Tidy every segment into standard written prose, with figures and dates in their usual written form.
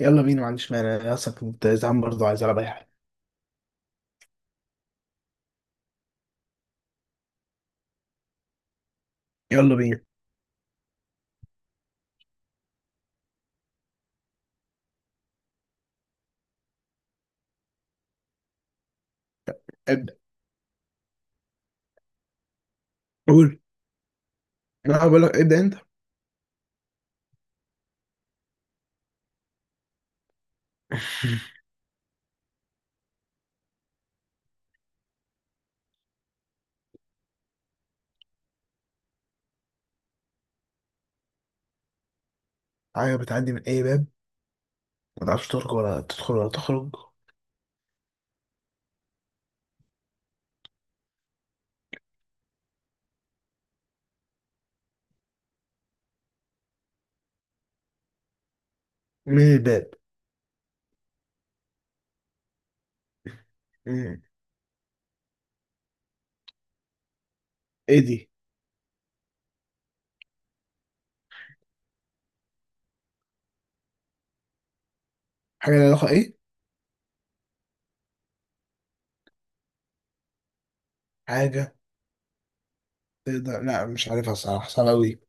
يلا بينا، ما عنديش مانع. انا اصلا كنت زعلان برضه، عايز العب اي حاجه. يلا بينا. ابدا. قول. انا بقول لك ابدا انت. حاجه بتعدي من اي باب، ما تعرفش تخرج ولا تدخل ولا تخرج. من الباب. مم. ايه دي؟ حاجه لها علاقه ايه؟ حاجه تقدر، لا مش عارفها الصراحه، صعبه قوي.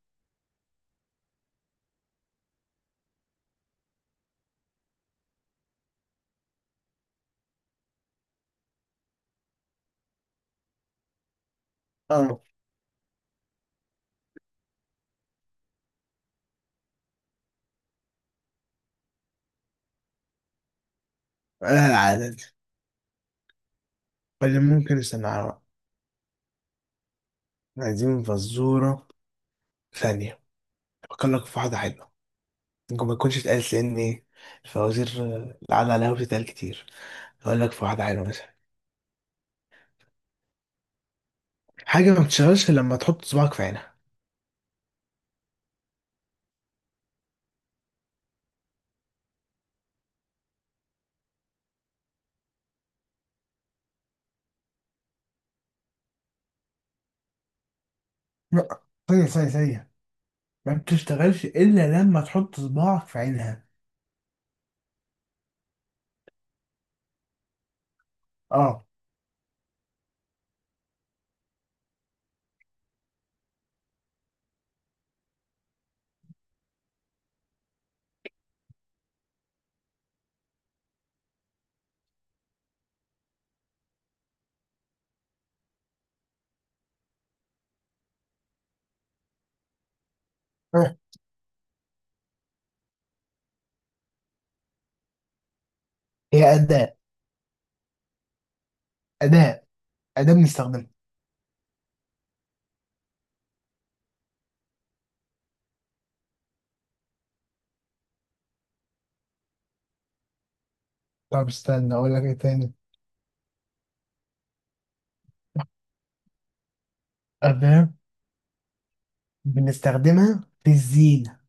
اه. لا العاده دي اللي ممكن نستنى على-. عايزين فزوره. ثانيه افكر لك في واحده حلوه. ممكن ما تكونش اتقالت لان ايه، الفوازير القعده عليها بتتقال كتير. اقول لك في واحده حلوه مثلا. حاجة ما بتشتغلش إلا لما تحط صباعك في عينها. لا، ثانية. ما بتشتغلش إلا لما تحط صباعك في عينها. اه. آه. هي أداة. أداة. أداة بنستخدمها. طب استنى أقول لك إيه تاني. أداة بنستخدمها في الزينة.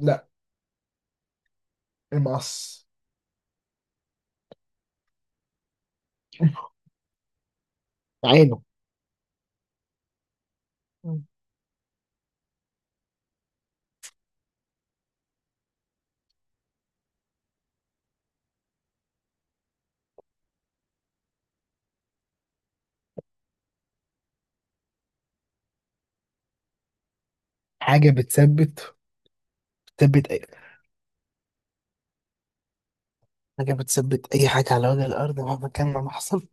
لا. المقص. عينه. مم. حاجة بتثبت. بتثبت أي حاجة. بتثبت أي حاجة على وجه الأرض مهما كان ما حصل.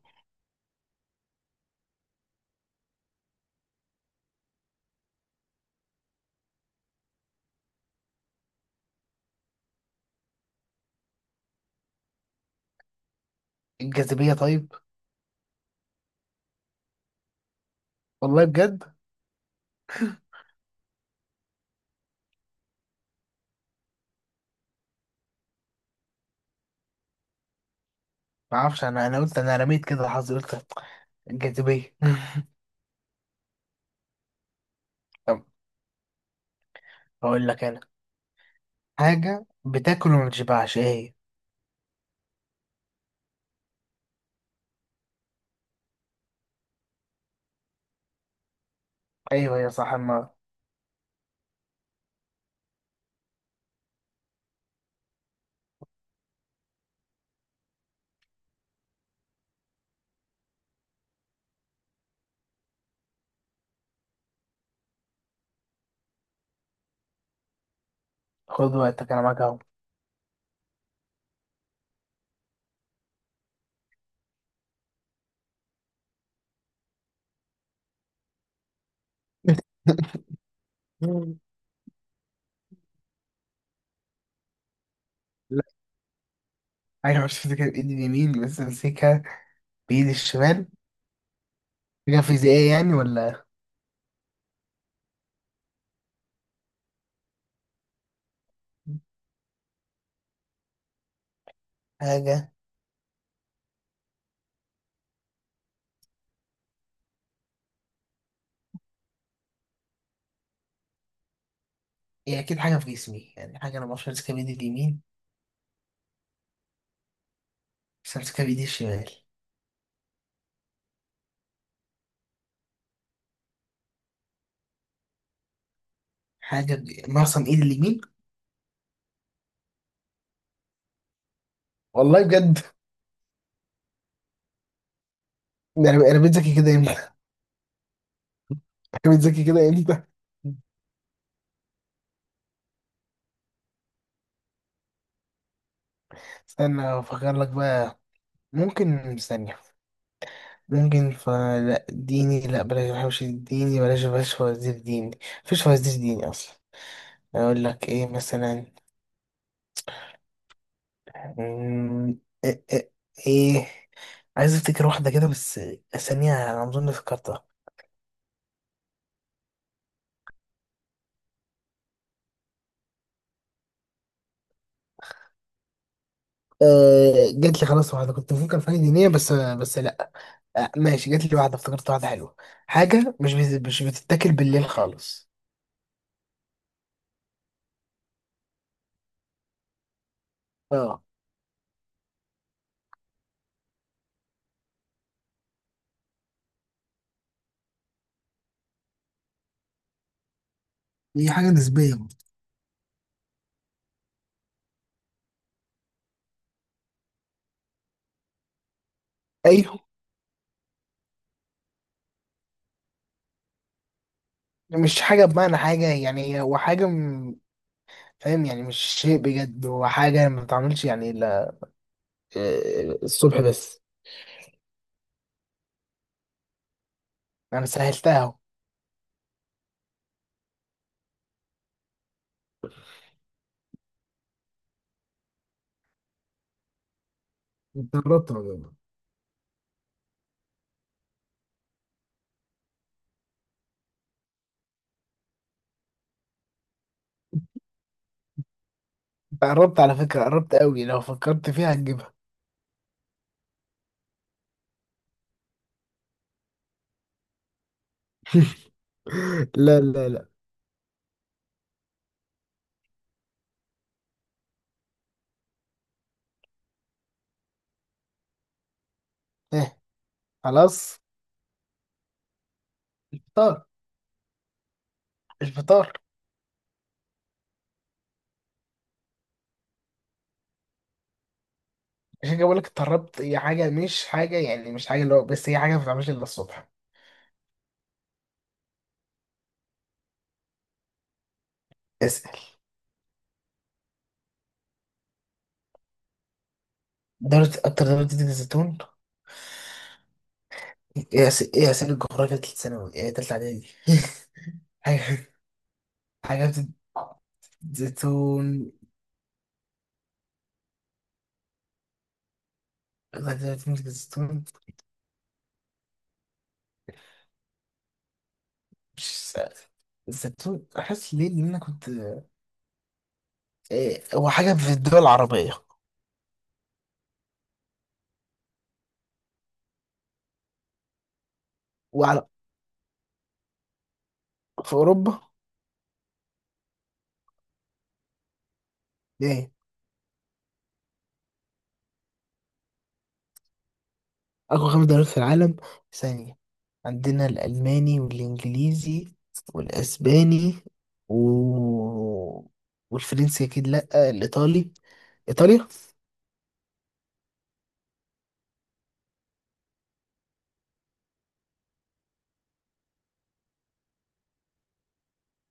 الجاذبية طيب. والله بجد. ما أعرفش، أنا قلت، أنا رميت كده حظي، قلت الجاذبية. طب هقول لك انا، حاجة بتاكل وما بتشبعش ايه هي؟ ايوه يا صح ما. خد وقتك انا معاك اهو. لا، حاجة مش فاكر بايدي اليمين بس امسكها بايدي الشمال. حاجة فيزيائية يعني ولا حاجة؟ هي اكيد حاجة في جسمي يعني، حاجة انا ما اعرفش امسكها بايدي اليمين بس امسكها بايدي الشمال. حاجة ب... معصم ايدي اليمين. والله بجد. ده انا بقيت ذكي كده امتى؟ أنا بقيت ذكي كده امتى؟ استنى افكر لك بقى. ممكن ثانية. ممكن فلا ديني، لا بلاش، بحبش الديني، بلاش فوازير ديني. مفيش فوازير ديني اصلا. اقول لك ايه مثلا. مم، ايه, إيه, إيه. عايز افتكر واحده كده بس. ثانيه انا اظن فكرتها. أه جات لي خلاص واحده، كنت بفكر في حاجه دينيه بس لا. أه ماشي، جات لي واحده، افتكرت واحده حلوه. حاجه مش بتتاكل بالليل خالص. اه. هي حاجة نسبية برضه. ايوه. مش حاجه بمعنى حاجه يعني، هو حاجه فاهم يعني، مش شيء بجد، هو حاجة ما بتعملش يعني إلا الصبح بس. أنا سهلتها أهو. انت قربت والله. أنت قربت على فكرة، قربت أوي، لو فكرت فيها هتجيبها. لا لا لا. إيه. خلاص. فطار. مش فطار. عشان كده بقول لك اتطربت، هي حاجة مش حاجة يعني، مش حاجة اللي هو، بس هي حاجة ما بتتعملش إلا الصبح. اسأل. دولة، أكتر دولة بتنتج الزيتون. إيه؟ إيه، أسئلة الجغرافيا تالتة ثانوي، إيه تالتة إعدادي. حاجة. حاجة زيتون. دولة بتنتج الزيتون. مش س- الزيتون احس ليه، لان انا كنت إيه، هو حاجه في الدول العربيه. وعلى. في اوروبا. ايه اقوى خمس دول في العالم؟ ثانيه، عندنا الالماني والانجليزي والاسباني و... والفرنسي اكيد، لا الايطالي. ايطاليا.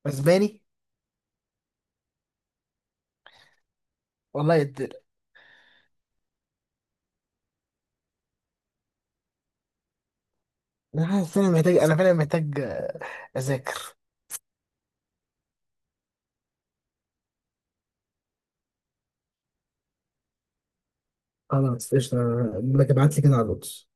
اسباني. والله يدل. انا حاسس إن انا محتاج، انا فعلا محتاج اذاكر. خلاص قشطة. ابعت لي كده على الواتس.